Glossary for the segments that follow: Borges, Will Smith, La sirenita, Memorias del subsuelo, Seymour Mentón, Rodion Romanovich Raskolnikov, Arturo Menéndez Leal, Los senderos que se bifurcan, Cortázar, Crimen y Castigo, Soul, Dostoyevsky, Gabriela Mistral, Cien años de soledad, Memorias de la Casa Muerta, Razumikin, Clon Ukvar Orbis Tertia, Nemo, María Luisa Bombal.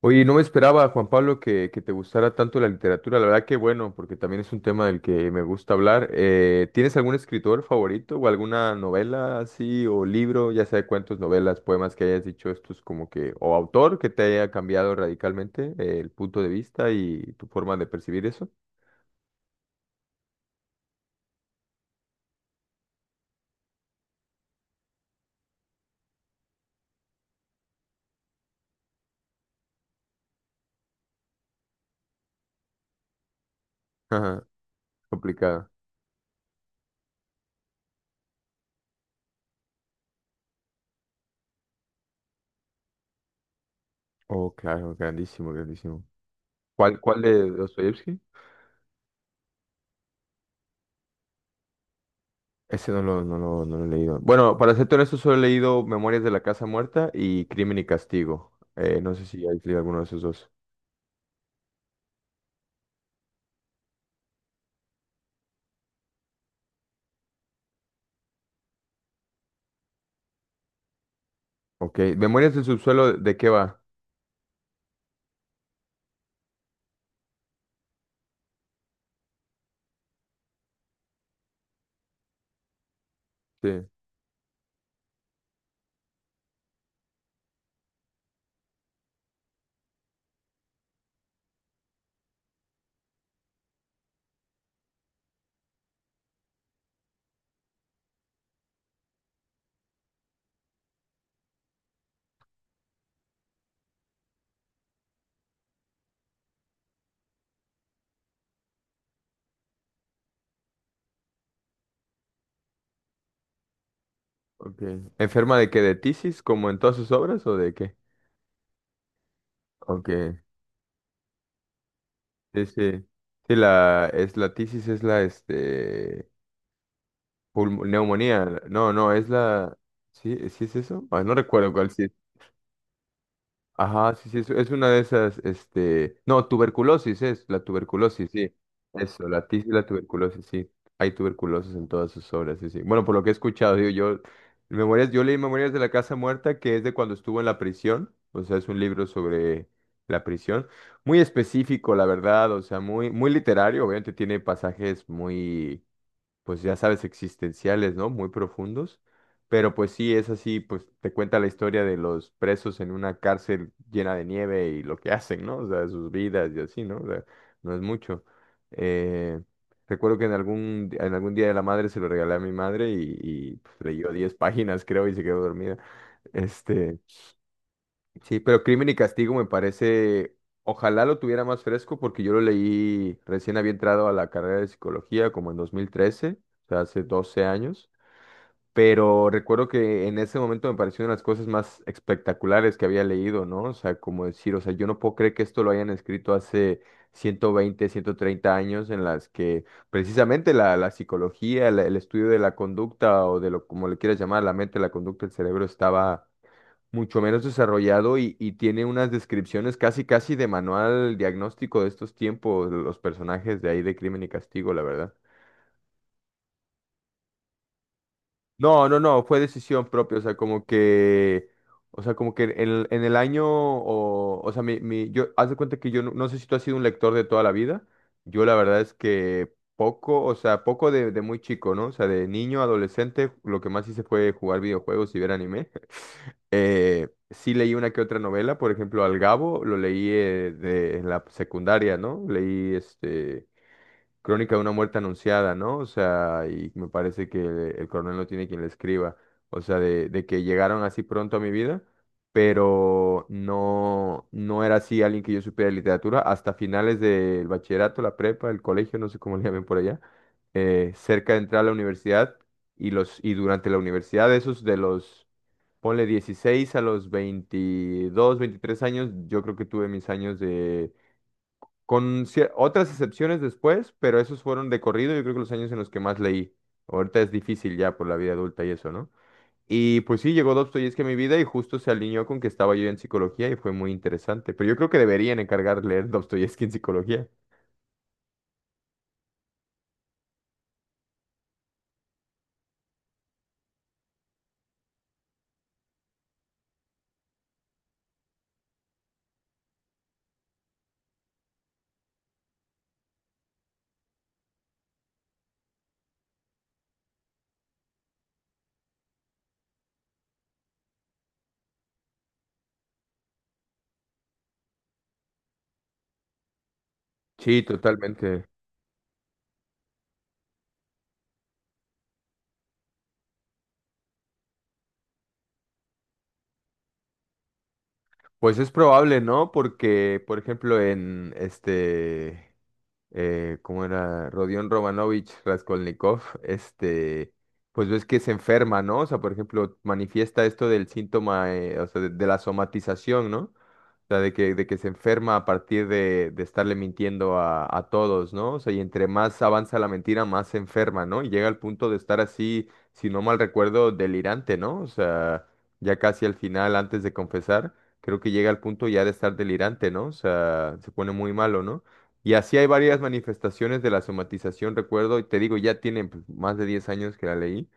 Oye, no me esperaba, Juan Pablo, que te gustara tanto la literatura. La verdad que bueno, porque también es un tema del que me gusta hablar. ¿Tienes algún escritor favorito o alguna novela así o libro, ya sea de cuentos, novelas, poemas que hayas dicho estos como que, o autor que te haya cambiado radicalmente el punto de vista y tu forma de percibir eso? Ajá, complicado. Oh, claro, grandísimo, grandísimo. ¿Cuál de Dostoyevsky? Ese no lo he leído. Bueno, para ser honesto, solo he leído Memorias de la Casa Muerta y Crimen y Castigo. No sé si has leído alguno de esos dos. Ok. Memorias del subsuelo, ¿de qué va? Sí. Ok. ¿Enferma de qué? ¿De tisis? ¿Como en todas sus obras o de qué? Ok. Sí, sí. Sí, la tisis es neumonía. No, no, es la... ¿Sí, sí es eso? Ay, no recuerdo cuál sí. Ajá, sí, sí, es una de esas, este, no, tuberculosis es, la tuberculosis, sí, eso, la tis y la tuberculosis, sí, hay tuberculosis en todas sus obras, sí, sí, bueno, por lo que he escuchado, digo, yo, memorias, yo leí Memorias de la Casa Muerta, que es de cuando estuvo en la prisión, o sea, es un libro sobre la prisión, muy específico, la verdad, o sea, muy literario. Obviamente tiene pasajes muy, pues ya sabes, existenciales, ¿no? Muy profundos. Pero pues sí, es así, pues te cuenta la historia de los presos en una cárcel llena de nieve y lo que hacen, ¿no? O sea, sus vidas y así, ¿no? O sea, no es mucho. Eh, Recuerdo que en algún día de la madre se lo regalé a mi madre y, pues, leyó 10 páginas, creo, y se quedó dormida. Este, sí, pero Crimen y Castigo me parece, ojalá lo tuviera más fresco porque yo lo leí recién había entrado a la carrera de psicología como en 2013, o sea, hace 12 años, pero recuerdo que en ese momento me pareció una de las cosas más espectaculares que había leído, ¿no? O sea, como decir, o sea, yo no puedo creer que esto lo hayan escrito hace 120, 130 años, en las que precisamente la psicología, el estudio de la conducta o de lo como le quieras llamar, la mente, la conducta, el cerebro estaba mucho menos desarrollado, y tiene unas descripciones casi casi de manual diagnóstico de estos tiempos, los personajes de ahí de Crimen y Castigo, la verdad. No, no, no, fue decisión propia, o sea, como que, o sea, como que en el año, o sea, yo, haz de cuenta que yo, no, no sé si tú has sido un lector de toda la vida. Yo la verdad es que poco, o sea, poco de muy chico, ¿no? O sea, de niño, adolescente, lo que más hice fue jugar videojuegos y ver anime. Sí leí una que otra novela, por ejemplo, Al Gabo, lo leí en la secundaria, ¿no? Leí este... Crónica de una muerte anunciada, ¿no? O sea, y me parece que el coronel no tiene quien le escriba. O sea, de que llegaron así pronto a mi vida, pero no, no era así alguien que yo supiera de literatura hasta finales del bachillerato, la prepa, el colegio, no sé cómo le llamen por allá, cerca de entrar a la universidad, y durante la universidad, esos de los, ponle 16 a los 22, 23 años, yo creo que tuve mis años de, otras excepciones después, pero esos fueron de corrido, yo creo que los años en los que más leí. Ahorita es difícil ya por la vida adulta y eso, ¿no? Y pues sí, llegó Dostoyevski a mi vida y justo se alineó con que estaba yo en psicología y fue muy interesante. Pero yo creo que deberían encargar leer Dostoyevski en psicología. Sí, totalmente. Pues es probable, ¿no? Porque, por ejemplo, en este, ¿cómo era? Rodion Romanovich Raskolnikov, este, pues ves que se enferma, ¿no? O sea, por ejemplo, manifiesta esto del síntoma, o sea, de la somatización, ¿no? O sea, de que se enferma a partir de estarle mintiendo a todos, ¿no? O sea, y entre más avanza la mentira, más se enferma, ¿no? Y llega al punto de estar así, si no mal recuerdo, delirante, ¿no? O sea, ya casi al final, antes de confesar, creo que llega al punto ya de estar delirante, ¿no? O sea, se pone muy malo, ¿no? Y así hay varias manifestaciones de la somatización, recuerdo, y te digo, ya tienen pues, más de 10 años que la leí.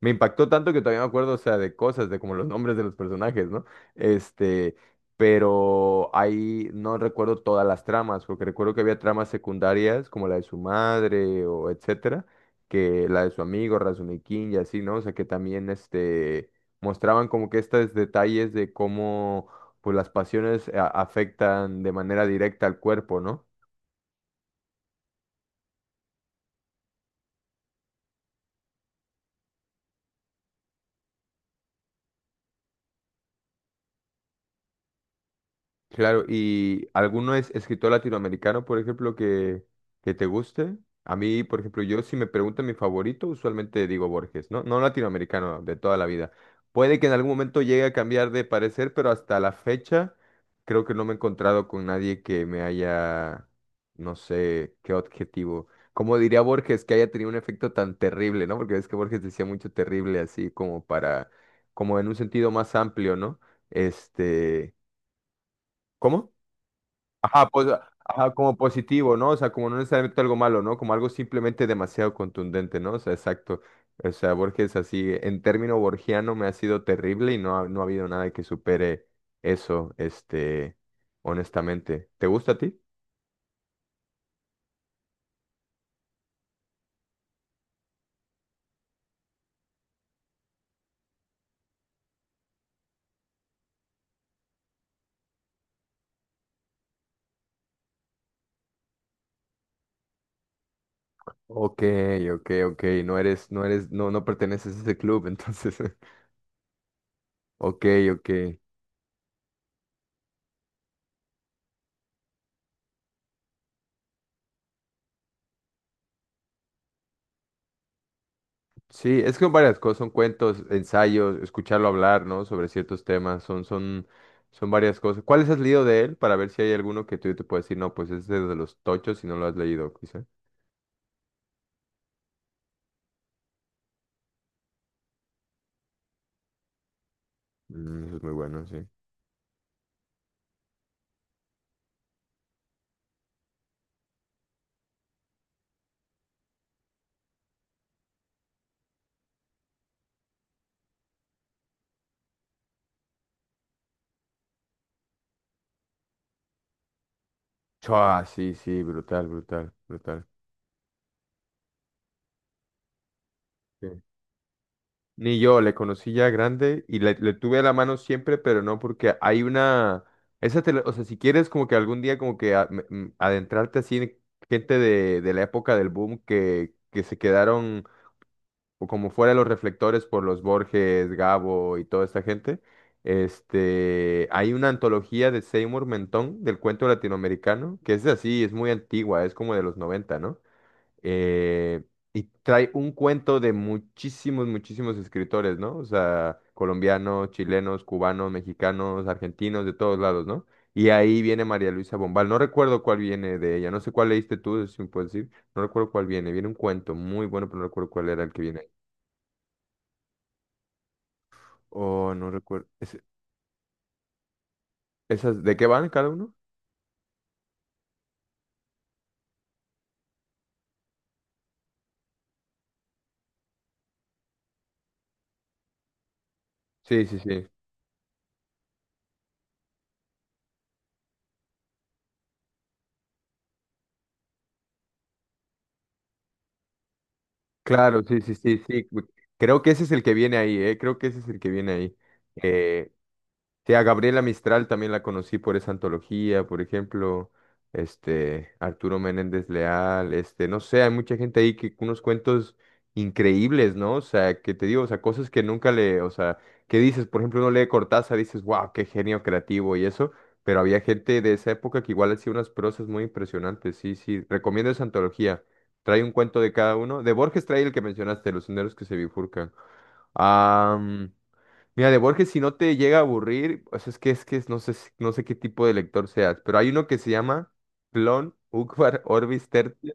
Me impactó tanto que todavía me acuerdo, o sea, de cosas, de como los nombres de los personajes, ¿no? Este, pero ahí no recuerdo todas las tramas, porque recuerdo que había tramas secundarias, como la de su madre o etcétera, que la de su amigo Razumikin y así, ¿no? O sea, que también, este, mostraban como que estos detalles de cómo, pues, las pasiones afectan de manera directa al cuerpo, ¿no? Claro, ¿y alguno es escritor latinoamericano, por ejemplo, que te guste? A mí, por ejemplo, yo si me preguntan mi favorito, usualmente digo Borges, ¿no? No latinoamericano, de toda la vida. Puede que en algún momento llegue a cambiar de parecer, pero hasta la fecha creo que no me he encontrado con nadie que me haya, no sé, qué objetivo. Como diría Borges, que haya tenido un efecto tan terrible, ¿no? Porque ves que Borges decía mucho terrible así, como para, como en un sentido más amplio, ¿no? Este, ¿cómo? Ajá, pues, ajá, como positivo, ¿no? O sea, como no necesariamente algo malo, ¿no? Como algo simplemente demasiado contundente, ¿no? O sea, exacto. O sea, Borges así, en término borgiano me ha sido terrible y no ha, no ha habido nada que supere eso, este, honestamente. ¿Te gusta a ti? Ok, ok, ok. No eres, no eres, no, no perteneces a ese club, entonces. Ok, ok. Sí, es que son varias cosas, son cuentos, ensayos, escucharlo hablar, ¿no? Sobre ciertos temas, son, son, son varias cosas. ¿Cuáles has leído de él? Para ver si hay alguno que tú te puedes decir, no, pues es de los tochos si no lo has leído, quizá. Mm, eso es muy bueno, sí. Chua, sí, sí, brutal, brutal, brutal. Sí. Ni yo, le conocí ya grande y le tuve a la mano siempre, pero no porque hay una... Esa te la- o sea, si quieres como que algún día como que adentrarte así en gente de la época del boom que se quedaron o como fuera de los reflectores por los Borges, Gabo y toda esta gente, este, hay una antología de Seymour Mentón del cuento latinoamericano, que es así, es muy antigua, es como de los 90, ¿no? Eh, y trae un cuento de muchísimos, muchísimos escritores, ¿no? O sea, colombianos, chilenos, cubanos, mexicanos, argentinos, de todos lados, ¿no? Y ahí viene María Luisa Bombal. No recuerdo cuál viene de ella. No sé cuál leíste tú, si me puedes decir. No recuerdo cuál viene. Viene un cuento muy bueno, pero no recuerdo cuál era el que viene. Oh, no recuerdo. Es- ¿Esas de qué van cada uno? Sí, sí, sí. Claro, sí, sí, sí, sí. Creo que ese es el que viene ahí, ¿eh? Creo que ese es el que viene ahí. Eh, Sí, a Gabriela Mistral también la conocí por esa antología, por ejemplo, este, Arturo Menéndez Leal, este, no sé, hay mucha gente ahí que unos cuentos increíbles, ¿no? O sea, que te digo, o sea, cosas que nunca le, o sea, que dices, por ejemplo, uno lee Cortázar, dices, wow, qué genio creativo y eso, pero había gente de esa época que igual hacía unas prosas muy impresionantes. Sí, sí, recomiendo esa antología, trae un cuento de cada uno. De Borges trae el que mencionaste, Los senderos que se bifurcan. Ah... Mira, de Borges, si no te llega a aburrir, o sea, no sé, no sé qué tipo de lector seas, pero hay uno que se llama Clon Ukvar Orbis Tertia.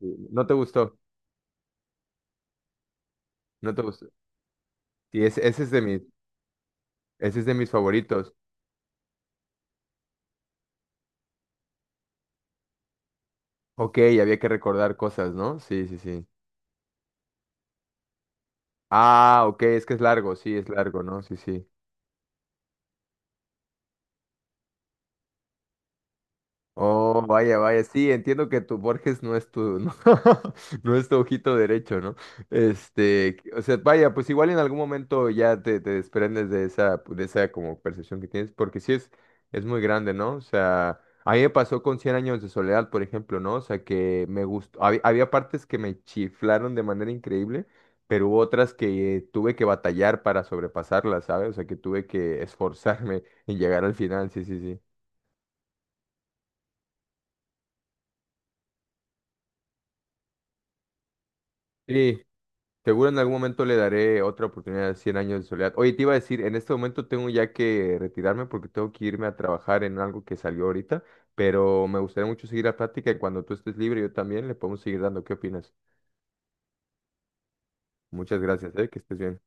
Sí, no te gustó, no te gustó. Sí, ese es de mis, ese es de mis favoritos. Ok, había que recordar cosas, ¿no? Sí, sí, sí. Ah, ok, es que es largo, sí, es largo, ¿no? Sí, sí. Oh, vaya, vaya, sí, entiendo que tu Borges no es tu, no, no es tu ojito derecho, ¿no? Este, o sea, vaya, pues igual en algún momento ya te desprendes de esa como percepción que tienes, porque sí es muy grande, ¿no? O sea, a mí me pasó con cien años de soledad, por ejemplo, ¿no? O sea, que me gustó, había partes que me chiflaron de manera increíble, pero hubo otras que tuve que batallar para sobrepasarlas, ¿sabes? O sea, que tuve que esforzarme en llegar al final, sí, sí, sí, sí. Seguro en algún momento le daré otra oportunidad a cien años de soledad. Oye, te iba a decir, en este momento tengo ya que retirarme porque tengo que irme a trabajar en algo que salió ahorita, pero me gustaría mucho seguir la plática y cuando tú estés libre yo también le podemos seguir dando. ¿Qué opinas? Muchas gracias, que estés bien.